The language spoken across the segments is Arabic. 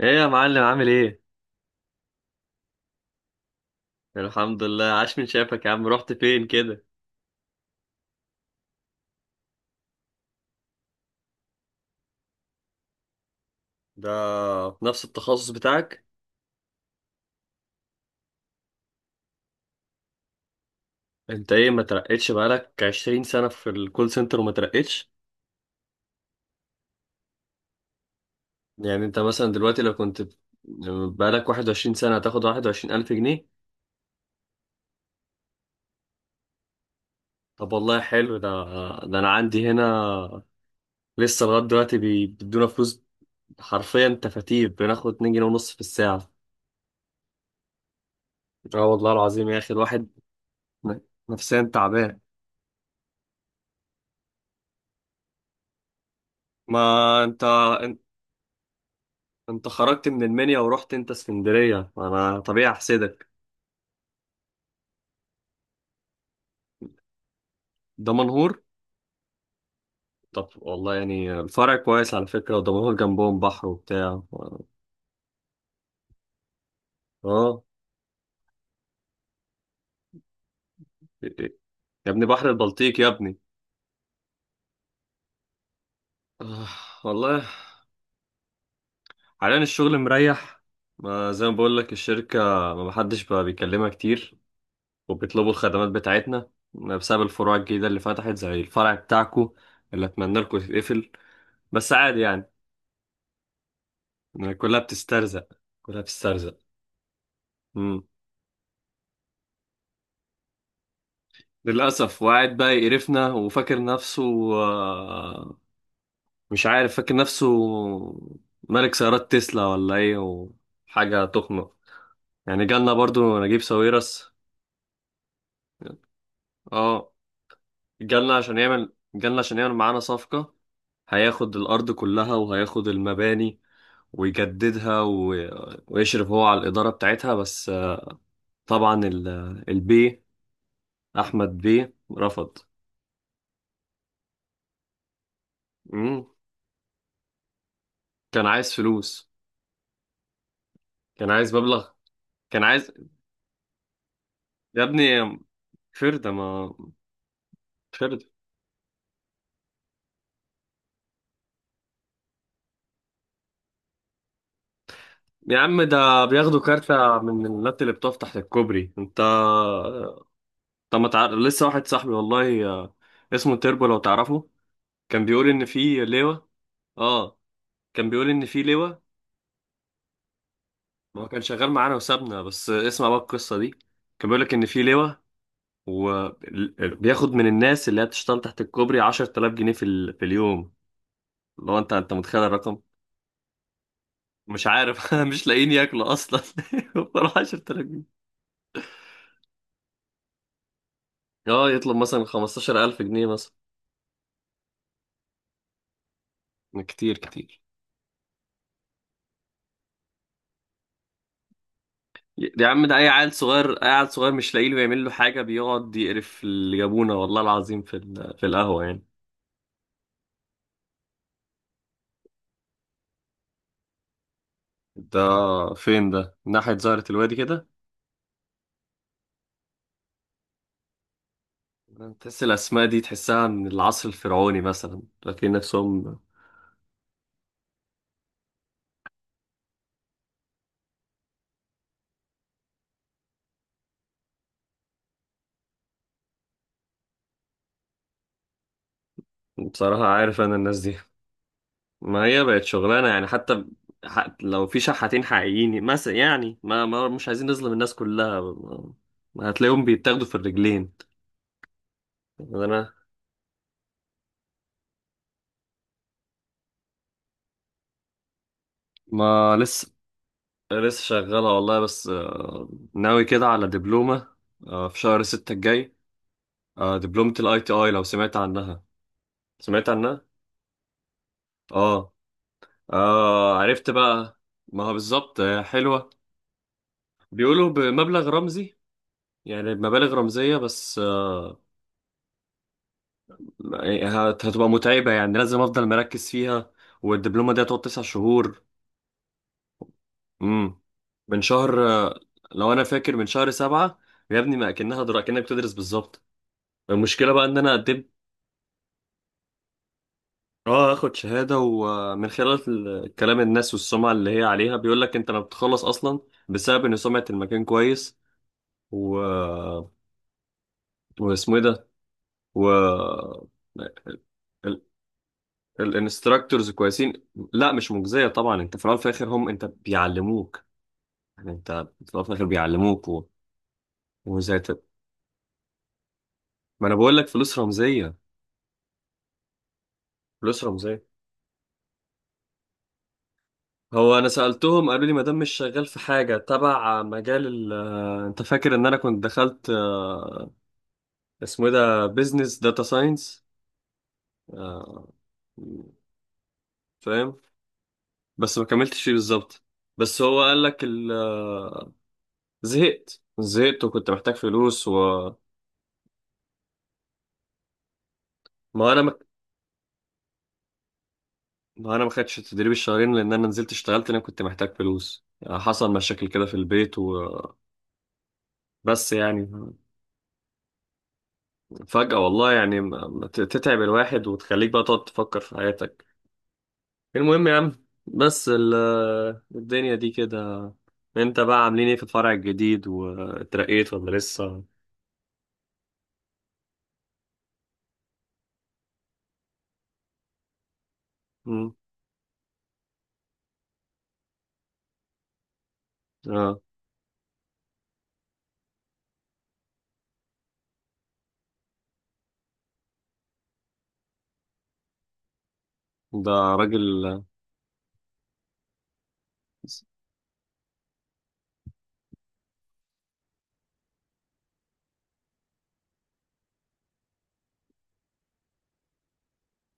ايه يا معلم، عامل ايه؟ الحمد لله، عاش من شافك يا عم. رحت فين كده؟ ده في نفس التخصص بتاعك؟ انت ايه ما ترقتش؟ بقالك 20 سنة في الكول سنتر وما ترقتش؟ يعني انت مثلا دلوقتي لو كنت بقالك 21 سنة هتاخد 21,000 جنيه؟ طب والله حلو ده. ده انا عندي هنا لسه لغاية دلوقتي بيدونا فلوس حرفيا تفاتير. بناخد 2 جنيه ونص في الساعة. اه والله العظيم يا اخي، الواحد ن- نفسيا تعبان. ما انت انت خرجت من المنيا ورحت انت اسكندرية، انا طبيعي احسدك. دمنهور؟ طب والله يعني الفرع كويس على فكرة، ودمنهور جنبهم بحر وبتاع. اه يا ابني، بحر البلطيق يا ابني. آه، والله حاليا الشغل مريح. ما زي ما بقول لك الشركة ما محدش بقى بيكلمها كتير، وبيطلبوا الخدمات بتاعتنا بسبب الفروع الجديدة اللي فتحت زي الفرع بتاعكو اللي اتمنى لكم يتقفل. بس عادي يعني، كلها بتسترزق، كلها بتسترزق. للأسف، وقاعد بقى يقرفنا وفاكر نفسه. آه، مش عارف فاكر نفسه ملك سيارات تسلا ولا ايه، وحاجة تخنق. يعني جالنا برضو نجيب ساويرس. اه، جالنا عشان يعمل، جالنا عشان يعمل معانا صفقة. هياخد الأرض كلها وهياخد المباني، ويجددها و ويشرف هو على الإدارة بتاعتها. بس آه، طبعا البي أحمد بيه رفض. مم. كان عايز فلوس. كان عايز مبلغ. كان عايز يا ابني فردة، ما فردة. يا عم ده بياخدوا كارتة من النت اللي بتقف تحت الكوبري. انت طب ما تعرف لسه واحد صاحبي، والله آه، اسمه تيربو، لو تعرفه. كان بيقول ان في لواء. اه، كان بيقول ان في لواء. هو كان شغال معانا وسابنا، بس اسمع بقى القصة دي. كان بيقول لك ان في لواء وبياخد من الناس اللي هي بتشتغل تحت الكوبري 10,000 جنيه في، في اليوم. لو انت متخيل الرقم. مش عارف مش لاقيين ياكلوا اصلا. 10,000. اه يطلب مثلا 15,000 جنيه مثلا. كتير كتير. يا عم ده اي عيل صغير، اي عيل صغير مش لاقي له يعمل له حاجه بيقعد يقرف اللي جابونا، والله العظيم في في القهوه يعني. ده فين ده؟ ناحية زهرة الوادي كده. تحس الاسماء دي تحسها من العصر الفرعوني مثلا، لكن نفسهم. بصراحه عارف انا الناس دي، ما هي بقت شغلانه يعني. حتى لو في شحاتين حقيقيين مثلا يعني، ما مش عايزين نظلم الناس كلها، ما ما هتلاقيهم بيتاخدوا في الرجلين. أنا ما لسه شغالة والله. بس آه، ناوي كده على دبلومة. آه، في شهر ستة الجاي. آه، دبلومة الاي تي اي، لو سمعت عنها. سمعت عنها؟ اه، آه، عرفت بقى. ما هو بالظبط آه، حلوة. بيقولوا بمبلغ رمزي، يعني بمبالغ رمزية. بس آه، يعني هتبقى متعبة، يعني لازم افضل مركز فيها. والدبلومة دي هتقعد تسع شهور. امم، من شهر آه، لو انا فاكر من شهر سبعة. يا ابني ما اكنها درا، كأنك بتدرس بالظبط. المشكلة بقى ان انا قدمت. اه، اخد شهادة، ومن خلال كلام الناس والسمعة اللي هي عليها بيقول لك انت لما بتخلص اصلا، بسبب ان سمعة المكان كويس. و واسمه ايه ده. و ال- الانستراكتورز كويسين. لا مش مجزية طبعا، انت في الاول وفي الاخر هم انت بيعلموك يعني. انت في الاول وفي الاخر بيعلموك و وزي ت- ما انا بقول لك، فلوس رمزية. فلوس رمزية. هو انا سالتهم، قالوا لي ما دام مش شغال في حاجه تبع مجال ال آه، انت فاكر ان انا كنت دخلت آه، اسمه ايه ده، بيزنس داتا ساينس. فاهم. بس ما كملتش فيه بالظبط. بس هو قال لك زهقت، زهقت وكنت محتاج فلوس، انا ما ما انا ما خدتش التدريب الشهرين، لان انا نزلت اشتغلت، لان أنا كنت محتاج فلوس. يعني حصل مشاكل كده في البيت وبس. يعني فجأة والله، يعني ما تتعب الواحد وتخليك بقى تقعد تفكر في حياتك. المهم يا عم. بس الدنيا دي كده. انت بقى عاملين ايه في الفرع الجديد؟ واترقيت ولا لسه؟ مم. اه، ده راجل.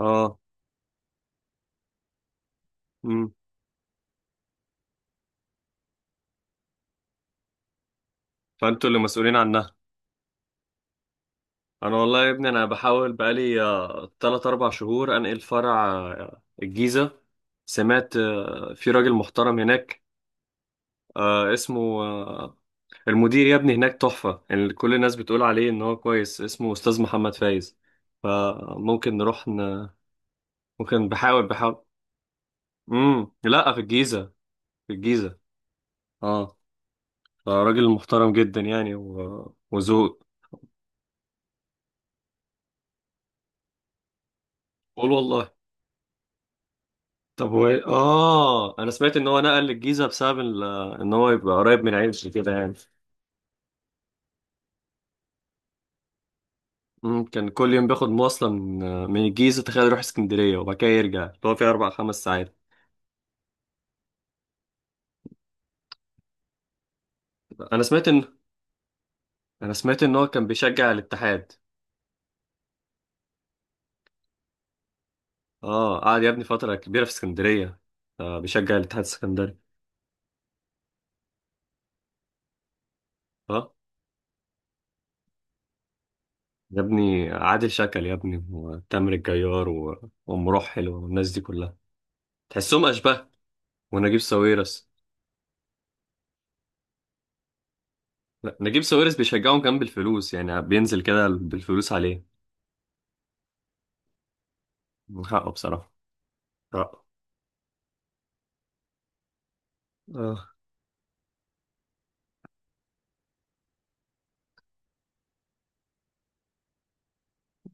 اه. مم. فانتوا اللي مسؤولين عنها. انا والله يا ابني انا بحاول بقالي آه، تلات اربع شهور انقل فرع آه، الجيزة. سمعت آه، في راجل محترم هناك. آه، اسمه آه، المدير يا ابني هناك تحفة. كل الناس بتقول عليه ان هو كويس، اسمه استاذ محمد فايز. فممكن نروح وكان بحاول، بحاول. امم، لا في الجيزة. في الجيزة، اه، راجل محترم جدا يعني، و وذوق. قول والله. طب هو إيه؟ اه انا سمعت ان هو نقل للجيزة بسبب ان هو يبقى قريب من عيلته كده يعني. امم، كان كل يوم بياخد مواصلة من من الجيزة، تخيل، يروح اسكندرية وبعد كده يرجع، اللي هو فيه اربع خمس ساعات. انا سمعت ان انا سمعت ان هو كان بيشجع الاتحاد. اه، قعد يا ابني فترة كبيرة في اسكندرية. آه، بيشجع الاتحاد السكندري. اه يا ابني، عادل شكل يا ابني، وتامر الجيار وام رحل والناس دي كلها. تحسهم اشباه. ونجيب ساويرس. لا، نجيب ساويرس بيشجعهم كمان بالفلوس، يعني بينزل كده بالفلوس عليه. من حقه بصراحة. حقه. آه.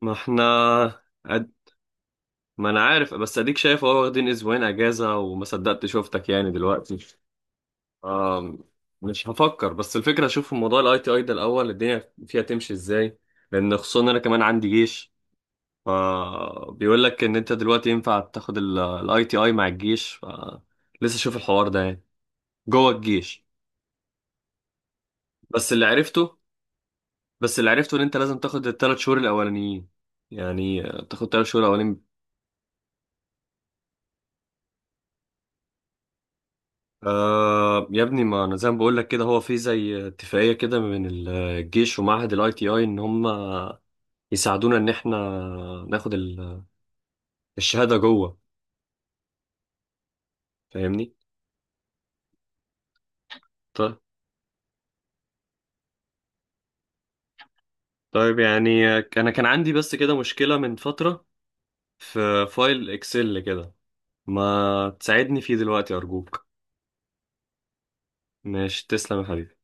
ما احنا أد... ما انا عارف، بس اديك شايف اهو واخدين اسبوعين اجازة وما صدقت شفتك يعني دلوقتي. آه. مش هفكر، بس الفكرة اشوف موضوع الاي تي اي ده الاول الدنيا فيها تمشي ازاي. لان خصوصا انا كمان عندي جيش. فبيقول لك ان انت دلوقتي ينفع تاخد الاي تي اي مع الجيش، ف لسه شوف الحوار ده يعني. جوه الجيش. بس اللي عرفته بس اللي عرفته ان انت لازم تاخد الثلاث شهور الاولانيين. يعني آه، تاخد ثلاث شهور الاولانيين. آه يا ابني، ما انا زي ما بقول لك كده، هو في زي اتفاقيه كده من الجيش ومعهد الاي تي اي، ان هم يساعدونا ان احنا ناخد الشهاده جوه. فاهمني. طيب. طيب يعني آه، انا كان عندي بس كده مشكله من فتره، في فايل اكسل كده. ما تساعدني فيه دلوقتي أرجوك. ماشي، تسلم يا حبيبي.